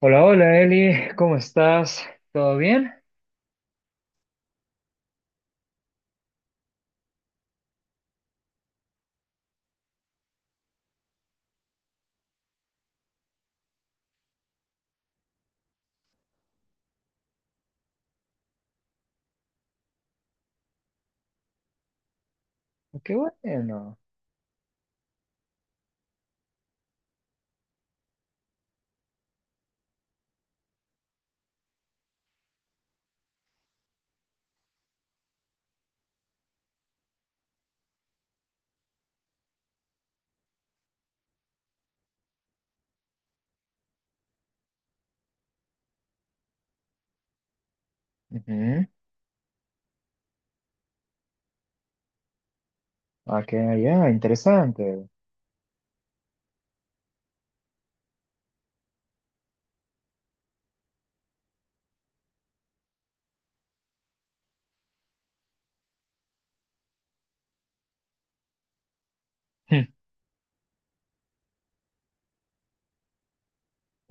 Hola, hola Eli, ¿cómo estás? ¿Todo bien? Ah, qué bueno. Ujú. Ah, qué allá, interesante.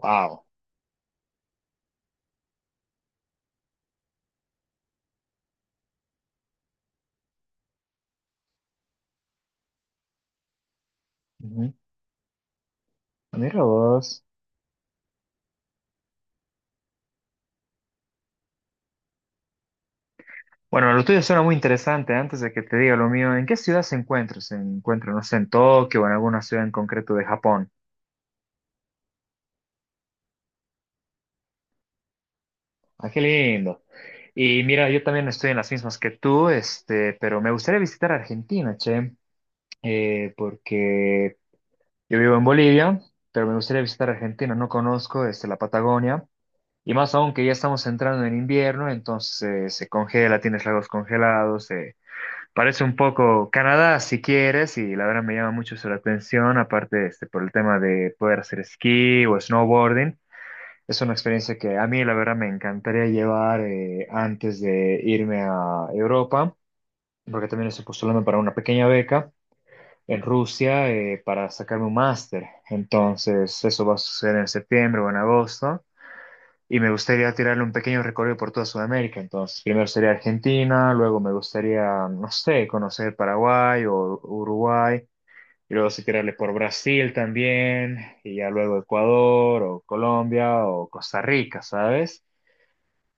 Wow. Mira vos. Bueno, lo tuyo suena muy interesante. Antes de que te diga lo mío, ¿en qué ciudad se encuentra? ¿Se encuentra, no sé, en Tokio o en alguna ciudad en concreto de Japón? Ah, qué lindo. Y mira, yo también estoy en las mismas que tú, este, pero me gustaría visitar Argentina, che, porque yo vivo en Bolivia, pero me gustaría visitar Argentina. No conozco, este, la Patagonia. Y más aún que ya estamos entrando en invierno, entonces se congela, tienes lagos congelados. Parece un poco Canadá, si quieres, y la verdad me llama mucho eso la atención, aparte este, por el tema de poder hacer esquí o snowboarding. Es una experiencia que a mí, la verdad, me encantaría llevar antes de irme a Europa, porque también estoy postulando para una pequeña beca en Rusia para sacarme un máster. Entonces, eso va a suceder en septiembre o en agosto. Y me gustaría tirarle un pequeño recorrido por toda Sudamérica. Entonces, primero sería Argentina, luego me gustaría, no sé, conocer Paraguay o Uruguay, y luego sí tirarle por Brasil también, y ya luego Ecuador o Colombia o Costa Rica, ¿sabes?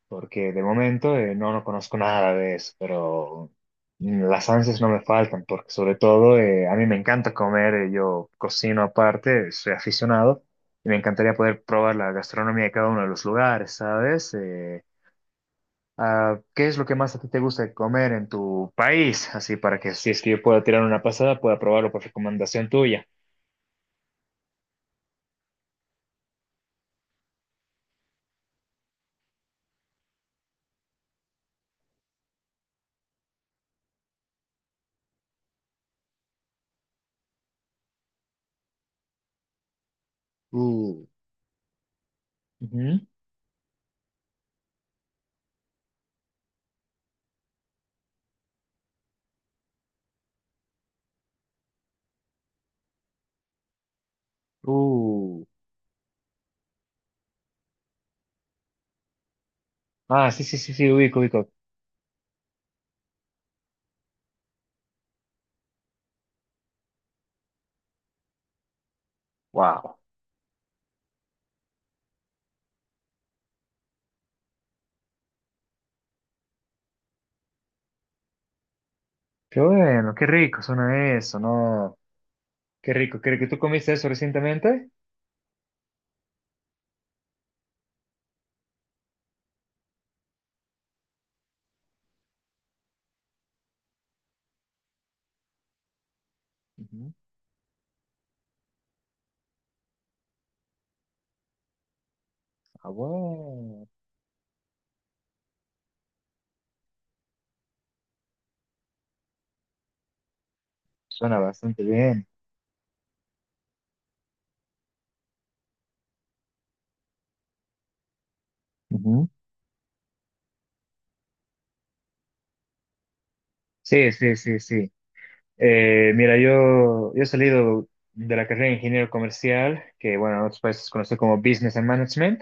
Porque de momento no, no conozco nada de eso, pero las ansias no me faltan, porque sobre todo a mí me encanta comer, yo cocino aparte, soy aficionado, y me encantaría poder probar la gastronomía de cada uno de los lugares, ¿sabes? Ah, ¿qué es lo que más a ti te gusta comer en tu país? Así para que si es que yo pueda tirar una pasada, pueda probarlo por recomendación tuya. Uh, Ujú. Ah, sí, sí, sí, sí, ubico, ubico. Wow. Qué bueno, qué rico suena eso, ¿no? Qué rico, qué rico. ¿Tú comiste eso recientemente? Ujú. Ah, bueno, suena bastante bien. Ujú. Sí, sí, sí, sí. Mira, yo he salido de la carrera de ingeniero comercial, que bueno, en otros países se conoce como Business and Management,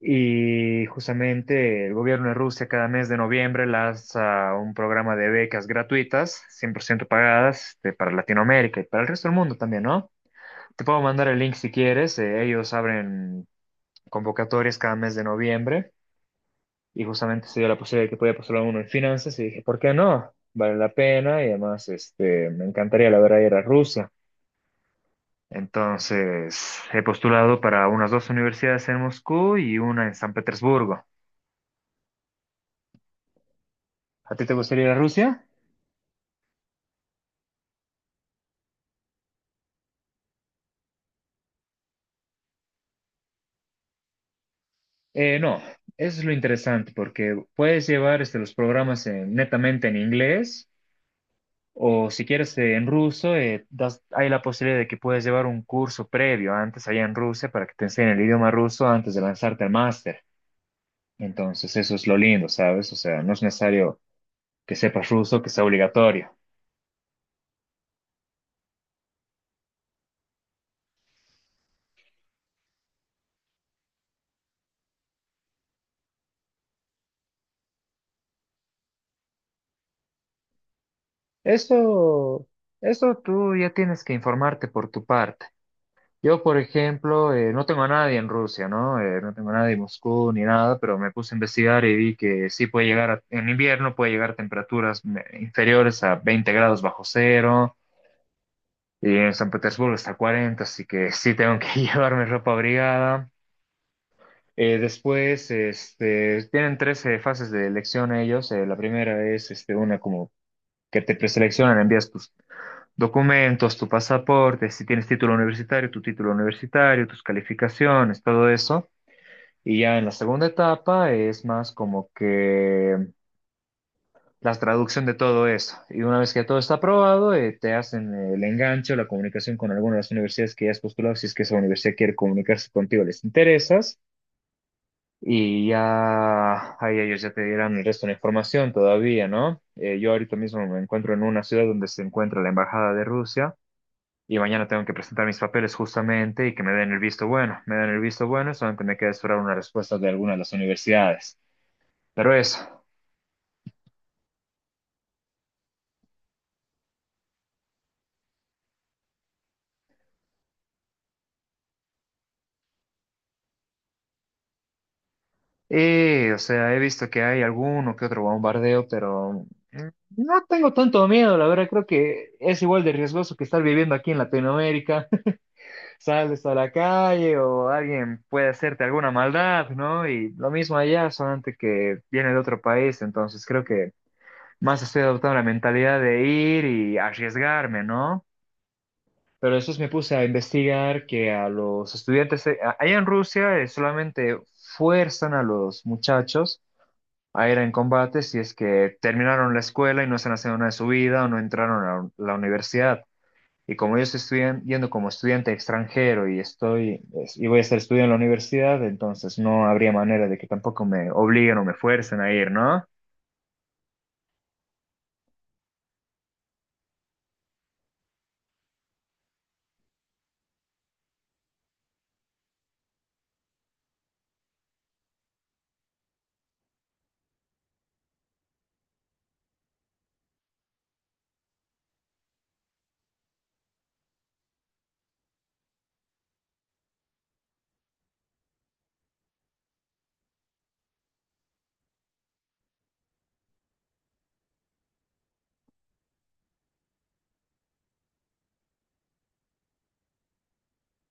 y justamente el gobierno de Rusia cada mes de noviembre lanza un programa de becas gratuitas, 100% pagadas, este, para Latinoamérica y para el resto del mundo también, ¿no? Te puedo mandar el link si quieres, ellos abren convocatorias cada mes de noviembre. Y justamente se dio la posibilidad de que podía postular uno en finanzas y dije, ¿por qué no? Vale la pena y además este, me encantaría la verdad ir a Rusia. Entonces he postulado para unas dos universidades en Moscú y una en San Petersburgo. ¿A ti te gustaría ir a Rusia? No, eso es lo interesante porque puedes llevar este, los programas netamente en inglés o si quieres en ruso, hay la posibilidad de que puedes llevar un curso previo antes allá en Rusia para que te enseñen el idioma ruso antes de lanzarte al máster. Entonces, eso es lo lindo, ¿sabes? O sea, no es necesario que sepas ruso, que sea obligatorio. Eso, eso, tú ya tienes que informarte por tu parte. Yo, por ejemplo, no tengo a nadie en Rusia, ¿no? No tengo a nadie en Moscú ni nada, pero me puse a investigar y vi que sí puede llegar, en invierno puede llegar a temperaturas inferiores a 20 grados bajo cero y en San Petersburgo hasta 40, así que sí tengo que llevarme ropa abrigada. Después, este, tienen tres fases de elección ellos. La primera es este, una como que te preseleccionan, envías tus documentos, tu pasaporte, si tienes título universitario, tu título universitario, tus calificaciones, todo eso. Y ya en la segunda etapa es más como que la traducción de todo eso. Y una vez que todo está aprobado, te hacen el enganche o la comunicación con alguna de las universidades que ya has postulado, si es que esa universidad quiere comunicarse contigo, les interesas. Y ya, ahí ellos ya te dirán el resto de la información todavía, ¿no? Yo ahorita mismo me encuentro en una ciudad donde se encuentra la Embajada de Rusia y mañana tengo que presentar mis papeles justamente y que me den el visto bueno. Me dan el visto bueno, solamente me queda esperar una respuesta de alguna de las universidades. Pero eso. Y, o sea, he visto que hay alguno que otro bombardeo, pero no tengo tanto miedo, la verdad, creo que es igual de riesgoso que estar viviendo aquí en Latinoamérica. Sales a la calle o alguien puede hacerte alguna maldad, ¿no? Y lo mismo allá, solamente que viene de otro país, entonces creo que más estoy adoptando la mentalidad de ir y arriesgarme, ¿no? Pero después me puse a investigar que a los estudiantes, allá en Rusia, solamente fuerzan a los muchachos a ir en combate si es que terminaron la escuela y no están haciendo nada de su vida o no entraron a la universidad. Y como yo estoy yendo como estudiante extranjero y y voy a estar estudiando en la universidad, entonces no habría manera de que tampoco me obliguen o me fuercen a ir, ¿no?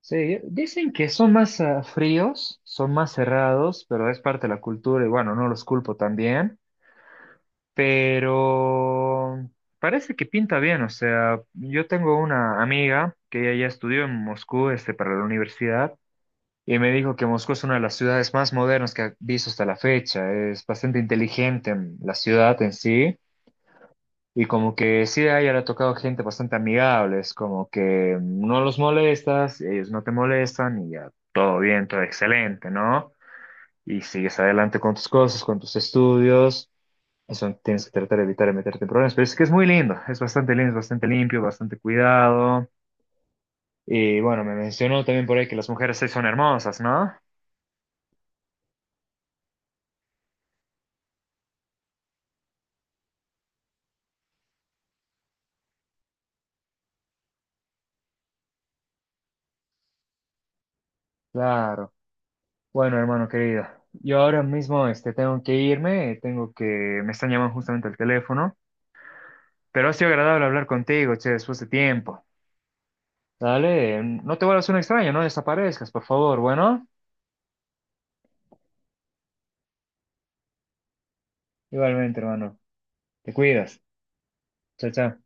Sí, dicen que son más fríos, son más cerrados, pero es parte de la cultura y bueno, no los culpo también, pero parece que pinta bien, o sea, yo tengo una amiga que ella ya estudió en Moscú, este, para la universidad. Y me dijo que Moscú es una de las ciudades más modernas que ha visto hasta la fecha. Es bastante inteligente en la ciudad en sí. Y como que sí, a ella le ha tocado gente bastante amigable. Es como que no los molestas, ellos no te molestan y ya todo bien, todo excelente, ¿no? Y sigues adelante con tus cosas, con tus estudios. Eso tienes que tratar de evitar de meterte en problemas. Pero es que es muy lindo. Es bastante lindo, es bastante limpio, bastante cuidado. Y bueno, me mencionó también por ahí que las mujeres sí son hermosas, ¿no? Claro. Bueno, hermano querido, yo ahora mismo este, tengo que irme, tengo que, me están llamando justamente al teléfono, pero ha sido agradable hablar contigo, che, después de tiempo. Dale, no te vuelvas un extraño, no desaparezcas, por favor, bueno. Igualmente, hermano, te cuidas. Chao, chao.